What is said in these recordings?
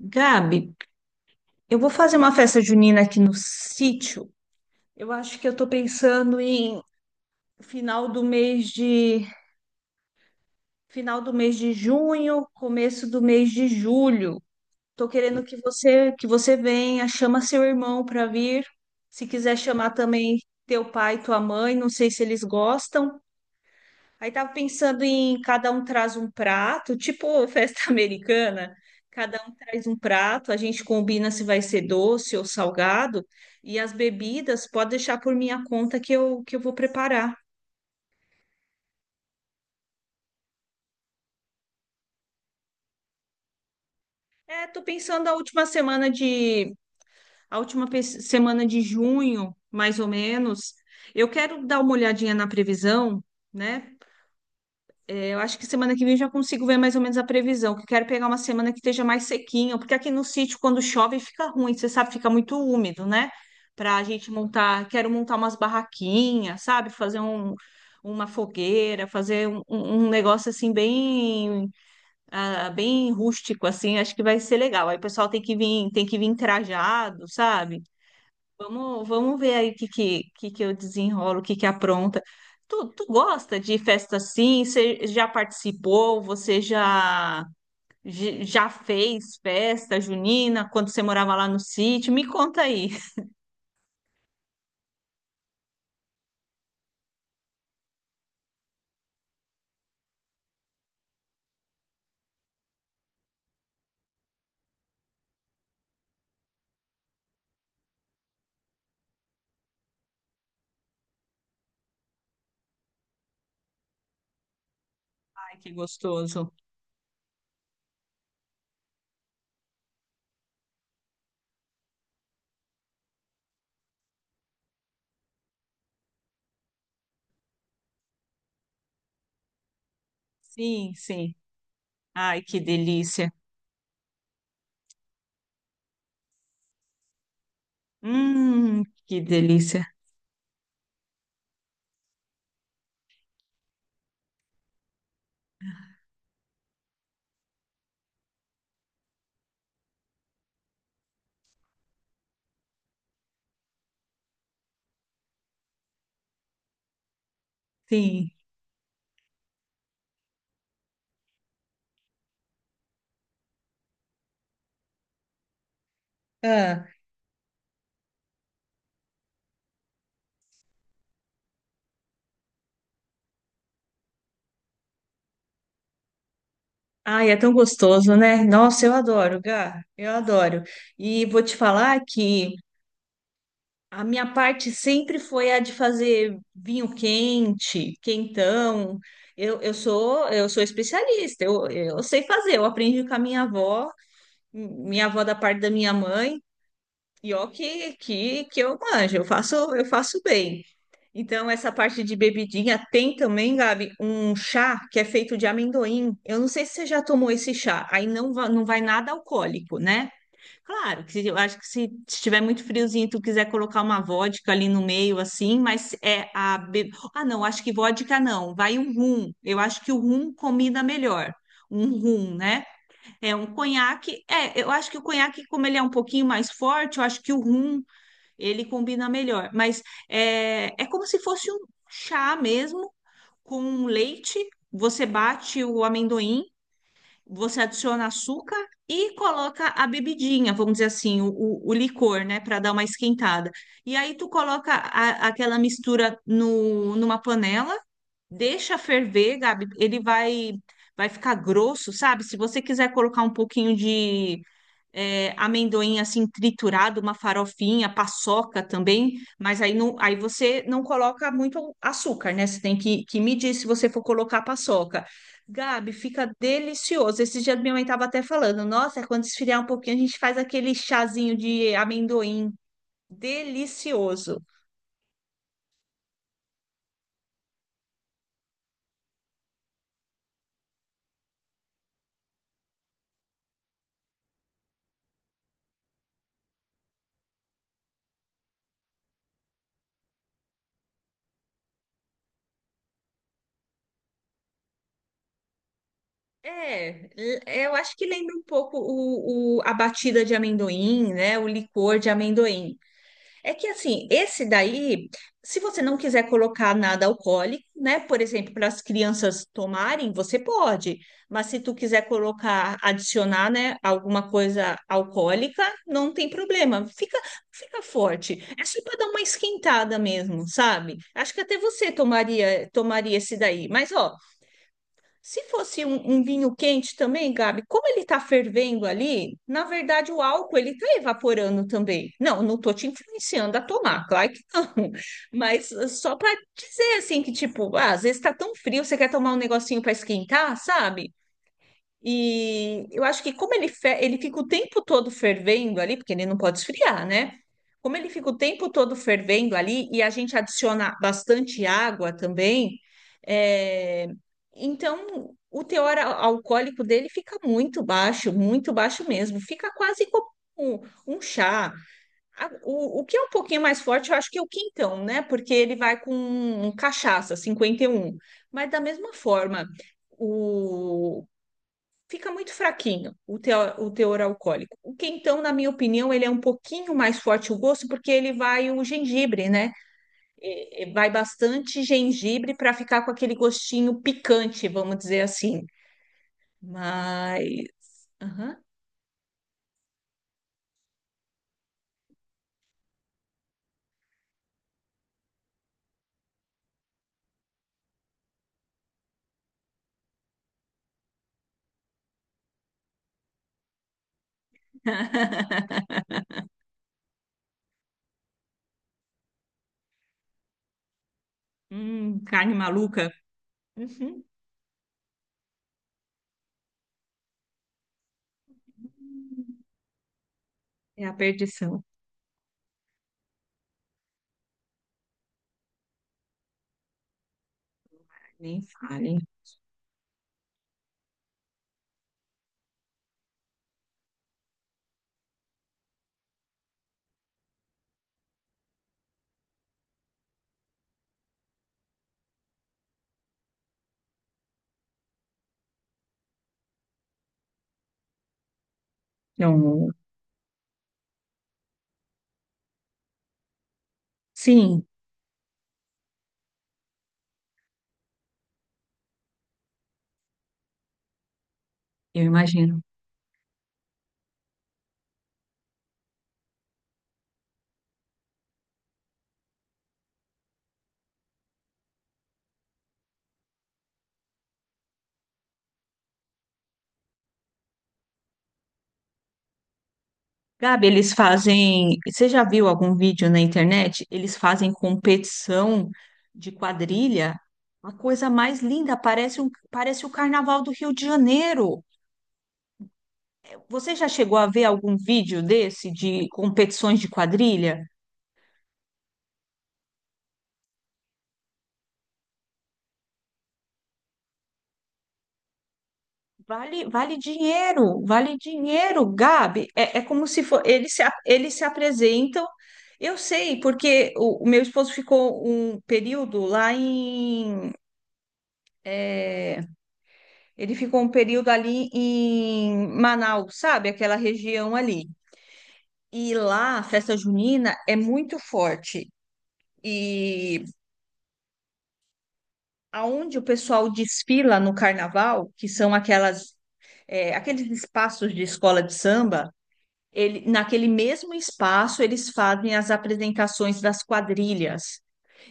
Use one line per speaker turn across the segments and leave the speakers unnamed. Gabi, eu vou fazer uma festa junina aqui no sítio. Eu acho que eu tô pensando em final do mês de final do mês de junho, começo do mês de julho. Tô querendo que você venha, chama seu irmão para vir. Se quiser chamar também teu pai e tua mãe, não sei se eles gostam. Aí tava pensando em cada um traz um prato, tipo festa americana. Cada um traz um prato, a gente combina se vai ser doce ou salgado, e as bebidas pode deixar por minha conta que eu vou preparar. É, tô pensando a última semana de, a última pe- semana de junho, mais ou menos. Eu quero dar uma olhadinha na previsão, né? Eu acho que semana que vem eu já consigo ver mais ou menos a previsão, que eu quero pegar uma semana que esteja mais sequinha, porque aqui no sítio, quando chove, fica ruim, você sabe, fica muito úmido, né? Para a gente montar, quero montar umas barraquinhas, sabe? Uma fogueira, fazer um negócio assim bem, ah, bem rústico, assim, acho que vai ser legal. Aí o pessoal tem que vir trajado, sabe? Vamos ver aí o que eu desenrolo, o que apronta. Tu gosta de festa assim? Você já participou? Você já fez festa junina quando você morava lá no sítio? Me conta aí. Ai, que gostoso. Sim, sim. Ai, que delícia. Que delícia. Sim. Ah. Ai, é tão gostoso, né? Nossa, eu adoro, Gá. Eu adoro. E vou te falar que. A minha parte sempre foi a de fazer vinho quente, quentão. Eu sou especialista, eu sei fazer, eu aprendi com a minha avó da parte da minha mãe, e ó que eu manjo, eu faço bem. Então, essa parte de bebidinha tem também, Gabi, um chá que é feito de amendoim. Eu não sei se você já tomou esse chá, aí não, não vai nada alcoólico, né? Claro, que eu acho que se estiver muito friozinho e tu quiser colocar uma vodka ali no meio, assim, Ah, não, acho que vodka não, vai o rum. Eu acho que o rum combina melhor. Um rum, né? É um conhaque. É, eu acho que o conhaque, como ele é um pouquinho mais forte, eu acho que o rum ele combina melhor. Mas é como se fosse um chá mesmo, com leite. Você bate o amendoim. Você adiciona açúcar e coloca a bebidinha, vamos dizer assim, o licor, né, para dar uma esquentada. E aí tu coloca aquela mistura no, numa panela, deixa ferver, Gabi, ele vai ficar grosso, sabe? Se você quiser colocar um pouquinho de amendoim assim triturado, uma farofinha, paçoca também, mas aí, não, aí você não coloca muito açúcar, né? Você tem que medir se você for colocar paçoca. Gabi, fica delicioso. Esse dia minha mãe estava até falando, nossa, é quando esfriar um pouquinho, a gente faz aquele chazinho de amendoim. Delicioso. É, eu acho que lembra um pouco a batida de amendoim, né? O licor de amendoim. É que assim, esse daí, se você não quiser colocar nada alcoólico, né? Por exemplo, para as crianças tomarem, você pode. Mas se tu quiser colocar, adicionar, né, alguma coisa alcoólica, não tem problema. Fica, fica forte. É só para dar uma esquentada mesmo, sabe? Acho que até você tomaria, tomaria esse daí. Mas ó, se fosse um, um vinho quente também, Gabi, como ele está fervendo ali, na verdade o álcool ele está evaporando também. Não, não tô te influenciando a tomar, claro que não. Mas só para dizer assim que tipo, ah, às vezes está tão frio, você quer tomar um negocinho para esquentar, sabe? E eu acho que como ele fica o tempo todo fervendo ali, porque ele não pode esfriar, né? Como ele fica o tempo todo fervendo ali e a gente adiciona bastante água também, é, então o teor alcoólico dele fica muito baixo mesmo. Fica quase como um um chá. O que é um pouquinho mais forte, eu acho que é o quintão, né? Porque ele vai com um cachaça, cinquenta e um. Mas da mesma forma. O, fica muito fraquinho o, o teor alcoólico. O quentão, na minha opinião, ele é um pouquinho mais forte o gosto, porque ele vai o gengibre, né? E vai bastante gengibre para ficar com aquele gostinho picante, vamos dizer assim. Mas. Aham. Carne maluca. Uhum. É a perdição. Nem fale. Não. Sim, eu imagino. Gabi, eles fazem. Você já viu algum vídeo na internet? Eles fazem competição de quadrilha. A coisa mais linda, parece um, parece o Carnaval do Rio de Janeiro. Você já chegou a ver algum vídeo desse de competições de quadrilha? Vale dinheiro, vale dinheiro, Gabi. É, é como se for, eles se apresentam. Eu sei, porque o meu esposo ficou um período é, Ele ficou um período ali em Manaus, sabe? Aquela região ali. E lá a festa junina é muito forte. E aonde o pessoal desfila no carnaval, que são aquelas, aqueles espaços de escola de samba, ele, naquele mesmo espaço eles fazem as apresentações das quadrilhas.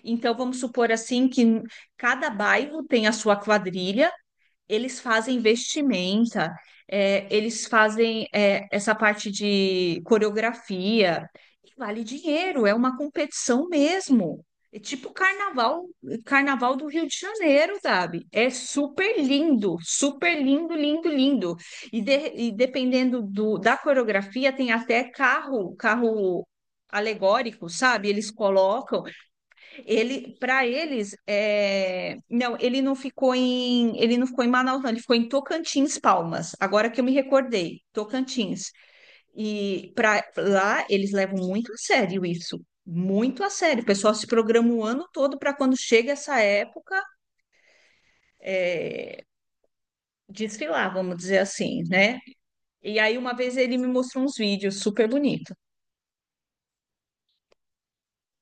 Então vamos supor assim que cada bairro tem a sua quadrilha. Eles fazem vestimenta, eles fazem essa parte de coreografia, e vale dinheiro, é uma competição mesmo. É tipo carnaval, carnaval do Rio de Janeiro, sabe? É super lindo, lindo, lindo. E dependendo da coreografia, tem até carro, carro alegórico, sabe? Eles colocam. Ele, para eles, não, ele não ficou em Manaus, não, ele ficou em Tocantins, Palmas. Agora que eu me recordei, Tocantins. E para lá eles levam muito a sério isso, muito a sério. O pessoal se programa o ano todo para quando chega essa época desfilar, vamos dizer assim, né? E aí uma vez ele me mostrou uns vídeos super bonitos.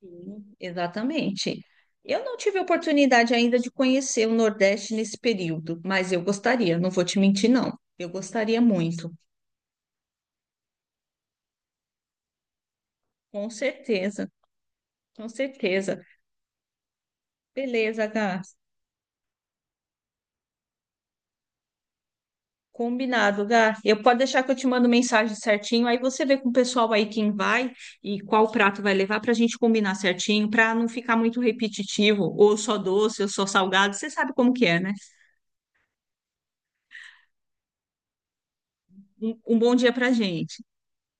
Sim, exatamente. Eu não tive oportunidade ainda de conhecer o Nordeste nesse período, mas eu gostaria, não vou te mentir, não. Eu gostaria muito, com certeza, com certeza. Beleza, Gá. Combinado, Gá. Eu posso deixar que eu te mando mensagem certinho, aí você vê com o pessoal aí quem vai e qual prato vai levar para a gente combinar certinho, para não ficar muito repetitivo, ou só doce, ou só salgado. Você sabe como que é, né? Um bom dia para gente.